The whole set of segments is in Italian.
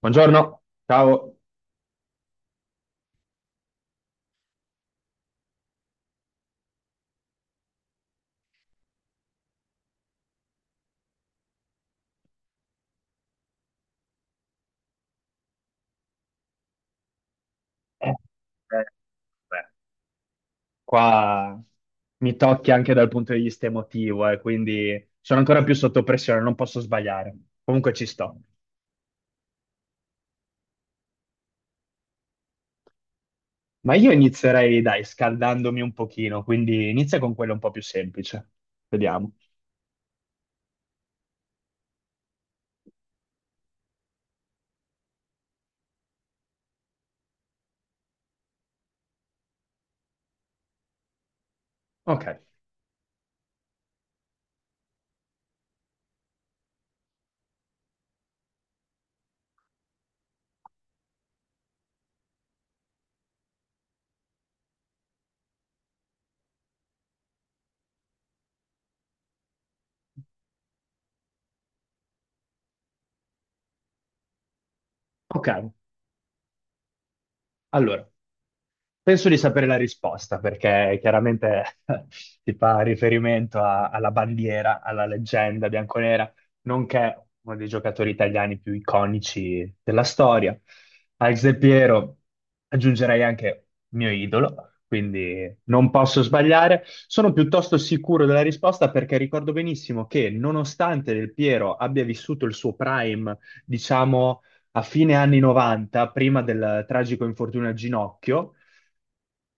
Buongiorno, ciao. Eh, eh, beh, Qua mi tocchi anche dal punto di vista emotivo, quindi sono ancora più sotto pressione, non posso sbagliare. Comunque ci sto. Ma io inizierei, dai, scaldandomi un pochino, quindi inizia con quello un po' più semplice. Vediamo. Ok, ok. Allora, penso di sapere la risposta perché chiaramente si fa riferimento alla bandiera, alla leggenda bianconera, nonché uno dei giocatori italiani più iconici della storia. Al Del Piero aggiungerei anche mio idolo, quindi non posso sbagliare. Sono piuttosto sicuro della risposta perché ricordo benissimo che nonostante Del Piero abbia vissuto il suo prime, diciamo, a fine anni 90, prima del tragico infortunio al ginocchio,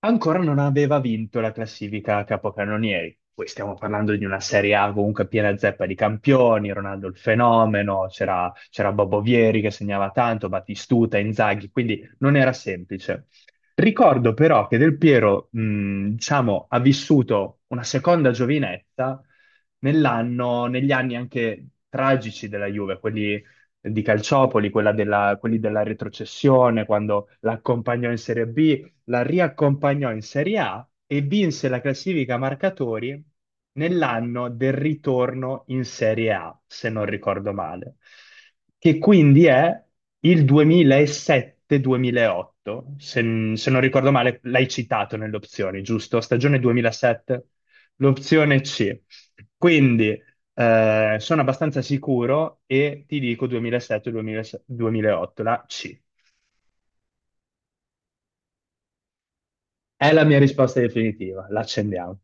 ancora non aveva vinto la classifica a capocannonieri. Poi stiamo parlando di una Serie A comunque piena zeppa di campioni, Ronaldo il fenomeno, c'era Bobo Vieri che segnava tanto, Battistuta, Inzaghi, quindi non era semplice. Ricordo però che Del Piero, diciamo, ha vissuto una seconda giovinezza nell'anno, negli anni anche tragici della Juve, quelli di Calciopoli, quelli della retrocessione, quando l'accompagnò in Serie B, la riaccompagnò in Serie A e vinse la classifica marcatori nell'anno del ritorno in Serie A, se non ricordo male, che quindi è il 2007-2008, se, se non ricordo male, l'hai citato nelle opzioni, giusto? Stagione 2007, l'opzione C. Quindi sono abbastanza sicuro e ti dico 2007-2008, la C. È la mia risposta definitiva, l'accendiamo.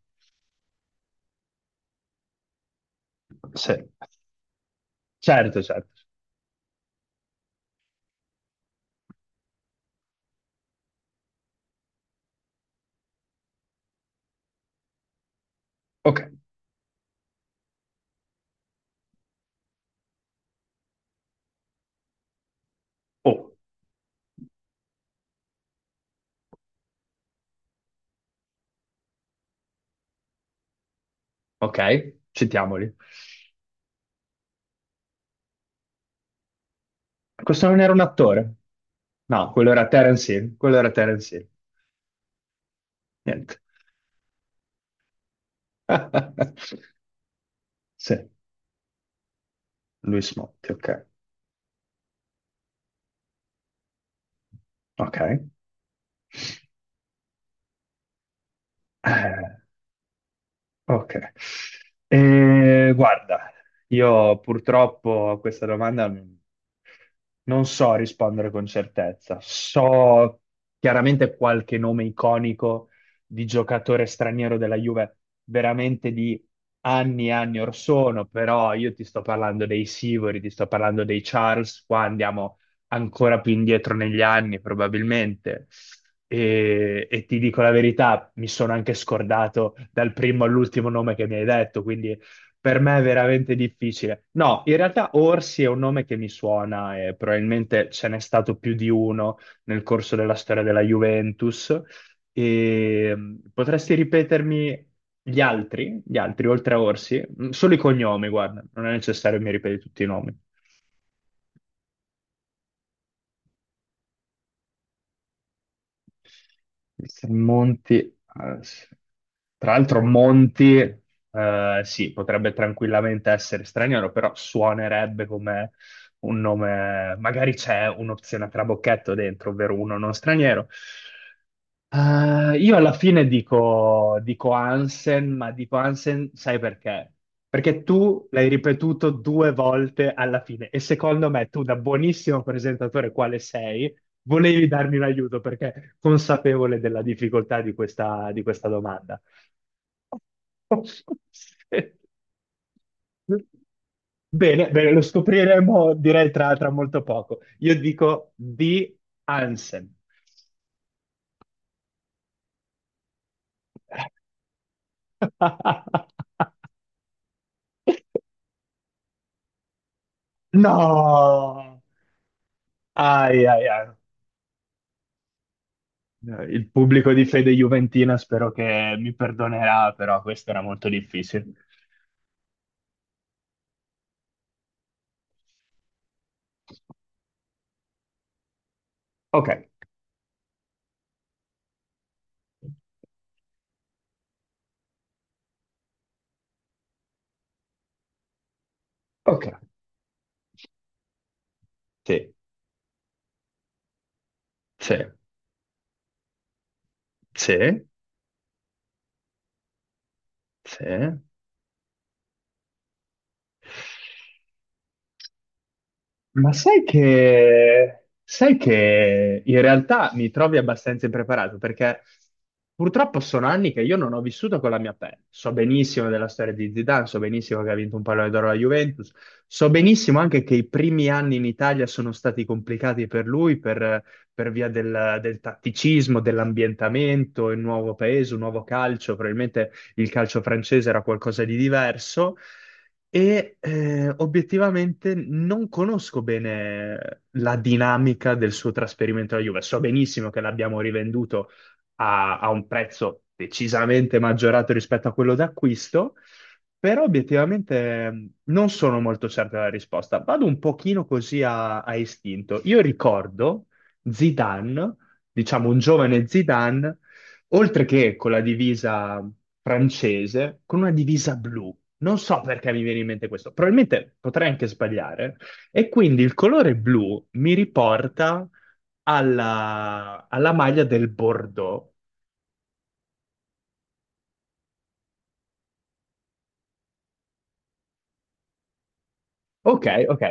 Sì, certo, certo. Ok, oh, ok, citiamoli. Questo non era un attore? No, quello era Terence Hill, quello era Terence Hill. Niente. Sì, Luis Motti, ok. Ok. Eh, ok, guarda, io purtroppo a questa domanda non so rispondere con certezza. So chiaramente qualche nome iconico di giocatore straniero della Juve, veramente di anni e anni or sono, però io ti sto parlando dei Sivori, ti sto parlando dei Charles, qua andiamo ancora più indietro negli anni, probabilmente. E ti dico la verità, mi sono anche scordato dal primo all'ultimo nome che mi hai detto, quindi per me è veramente difficile. No, in realtà Orsi è un nome che mi suona e probabilmente ce n'è stato più di uno nel corso della storia della Juventus. E, potresti ripetermi gli altri oltre a Orsi? Solo i cognomi, guarda, non è necessario che mi ripeti tutti i nomi. Il San Monti, sì. Tra l'altro Monti, sì, potrebbe tranquillamente essere straniero, però suonerebbe come un nome, magari c'è un'opzione a trabocchetto dentro, ovvero uno non straniero. Io alla fine dico Hansen, ma dico Hansen, sai perché? Perché tu l'hai ripetuto due volte alla fine e secondo me tu, da buonissimo presentatore quale sei, volevi darmi un aiuto perché consapevole della difficoltà di questa domanda. Bene, bene, lo scopriremo, direi, tra molto poco. Io dico di Hansen. No! Ai, ai, ai. Il pubblico di fede juventina spero che mi perdonerà, però questo era molto difficile. Ok, ok, sì, sì, sì. Sì. Ma sai che in realtà mi trovi abbastanza impreparato perché purtroppo sono anni che io non ho vissuto con la mia pelle. So benissimo della storia di Zidane, so benissimo che ha vinto un pallone d'oro alla Juventus, so benissimo anche che i primi anni in Italia sono stati complicati per lui per via del tatticismo, dell'ambientamento, il nuovo paese, un nuovo calcio, probabilmente il calcio francese era qualcosa di diverso e obiettivamente non conosco bene la dinamica del suo trasferimento alla Juve. So benissimo che l'abbiamo rivenduto a un prezzo decisamente maggiorato rispetto a quello d'acquisto, però obiettivamente, non sono molto certo della risposta. Vado un pochino così a istinto. Io ricordo Zidane, diciamo un giovane Zidane oltre che con la divisa francese, con una divisa blu. Non so perché mi viene in mente questo, probabilmente potrei anche sbagliare. E quindi il colore blu mi riporta alla maglia del Bordeaux. Ok, ok,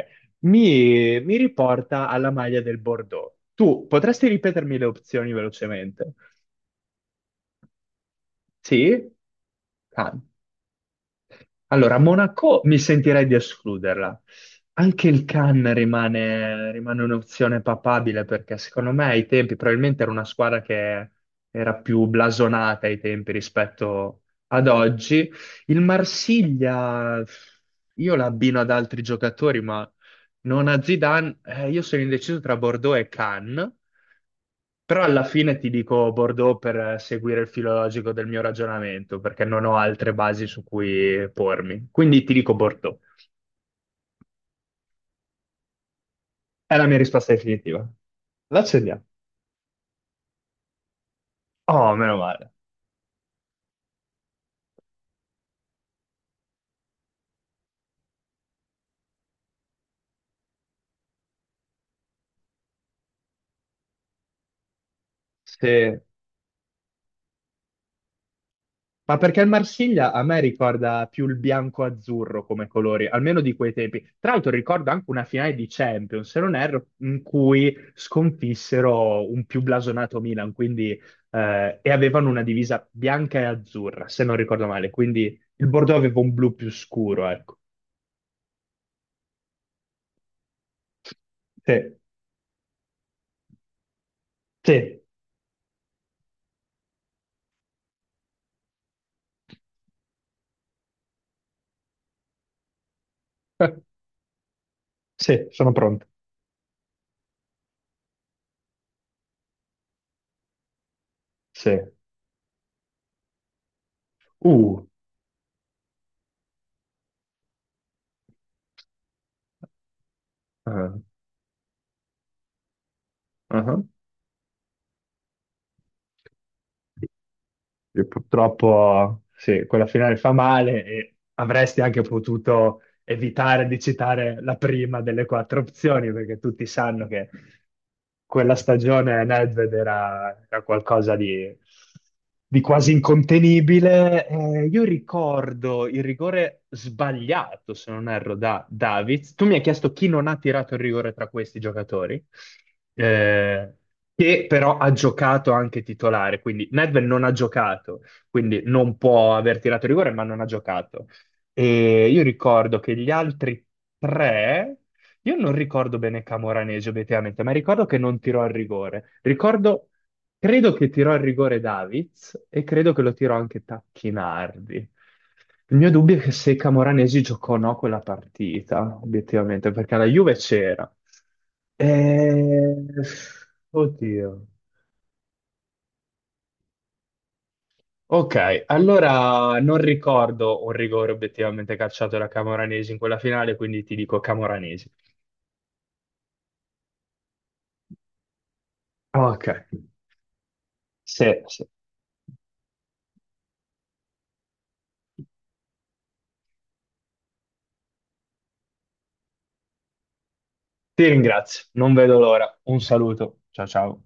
mi, mi riporta alla maglia del Bordeaux. Tu potresti ripetermi le opzioni velocemente? Sì? Ah. Allora, Monaco mi sentirei di escluderla. Anche il Cannes rimane un'opzione papabile perché secondo me ai tempi probabilmente era una squadra che era più blasonata ai tempi rispetto ad oggi. Il Marsiglia io l'abbino ad altri giocatori, ma non a Zidane. Io sono indeciso tra Bordeaux e Cannes. Però alla fine ti dico Bordeaux per seguire il filo logico del mio ragionamento, perché non ho altre basi su cui pormi. Quindi ti dico Bordeaux. È la mia risposta definitiva. La accendiamo. Oh, meno male. Sì. Ma perché il Marsiglia a me ricorda più il bianco-azzurro come colori, almeno di quei tempi. Tra l'altro ricordo anche una finale di Champions, se non erro, in cui sconfissero un più blasonato Milan, quindi, e avevano una divisa bianca e azzurra, se non ricordo male. Quindi il Bordeaux aveva un blu più scuro, ecco. Sì, sì, sì, sono pronto. Sì. Uh. Ah, ah. E purtroppo, sì, quella finale fa male e avresti anche potuto evitare di citare la prima delle quattro opzioni, perché tutti sanno che quella stagione Nedved era qualcosa di quasi incontenibile. Io ricordo il rigore sbagliato, se non erro, da Davids. Tu mi hai chiesto chi non ha tirato il rigore tra questi giocatori. Eh, che però ha giocato anche titolare, quindi Nedved non ha giocato, quindi non può aver tirato rigore, ma non ha giocato. E io ricordo che gli altri tre, io non ricordo bene Camoranesi obiettivamente, ma ricordo che non tirò il rigore. Ricordo, credo che tirò il rigore Davids e credo che lo tirò anche Tacchinardi. Il mio dubbio è che se Camoranesi giocò o no quella partita, obiettivamente, perché la Juve c'era. Eh, Oddio. Ok, allora non ricordo un rigore obiettivamente calciato da Camoranesi in quella finale, quindi ti dico Camoranesi. Ok, sì, sì. Ti ringrazio, non vedo l'ora. Un saluto, ciao ciao.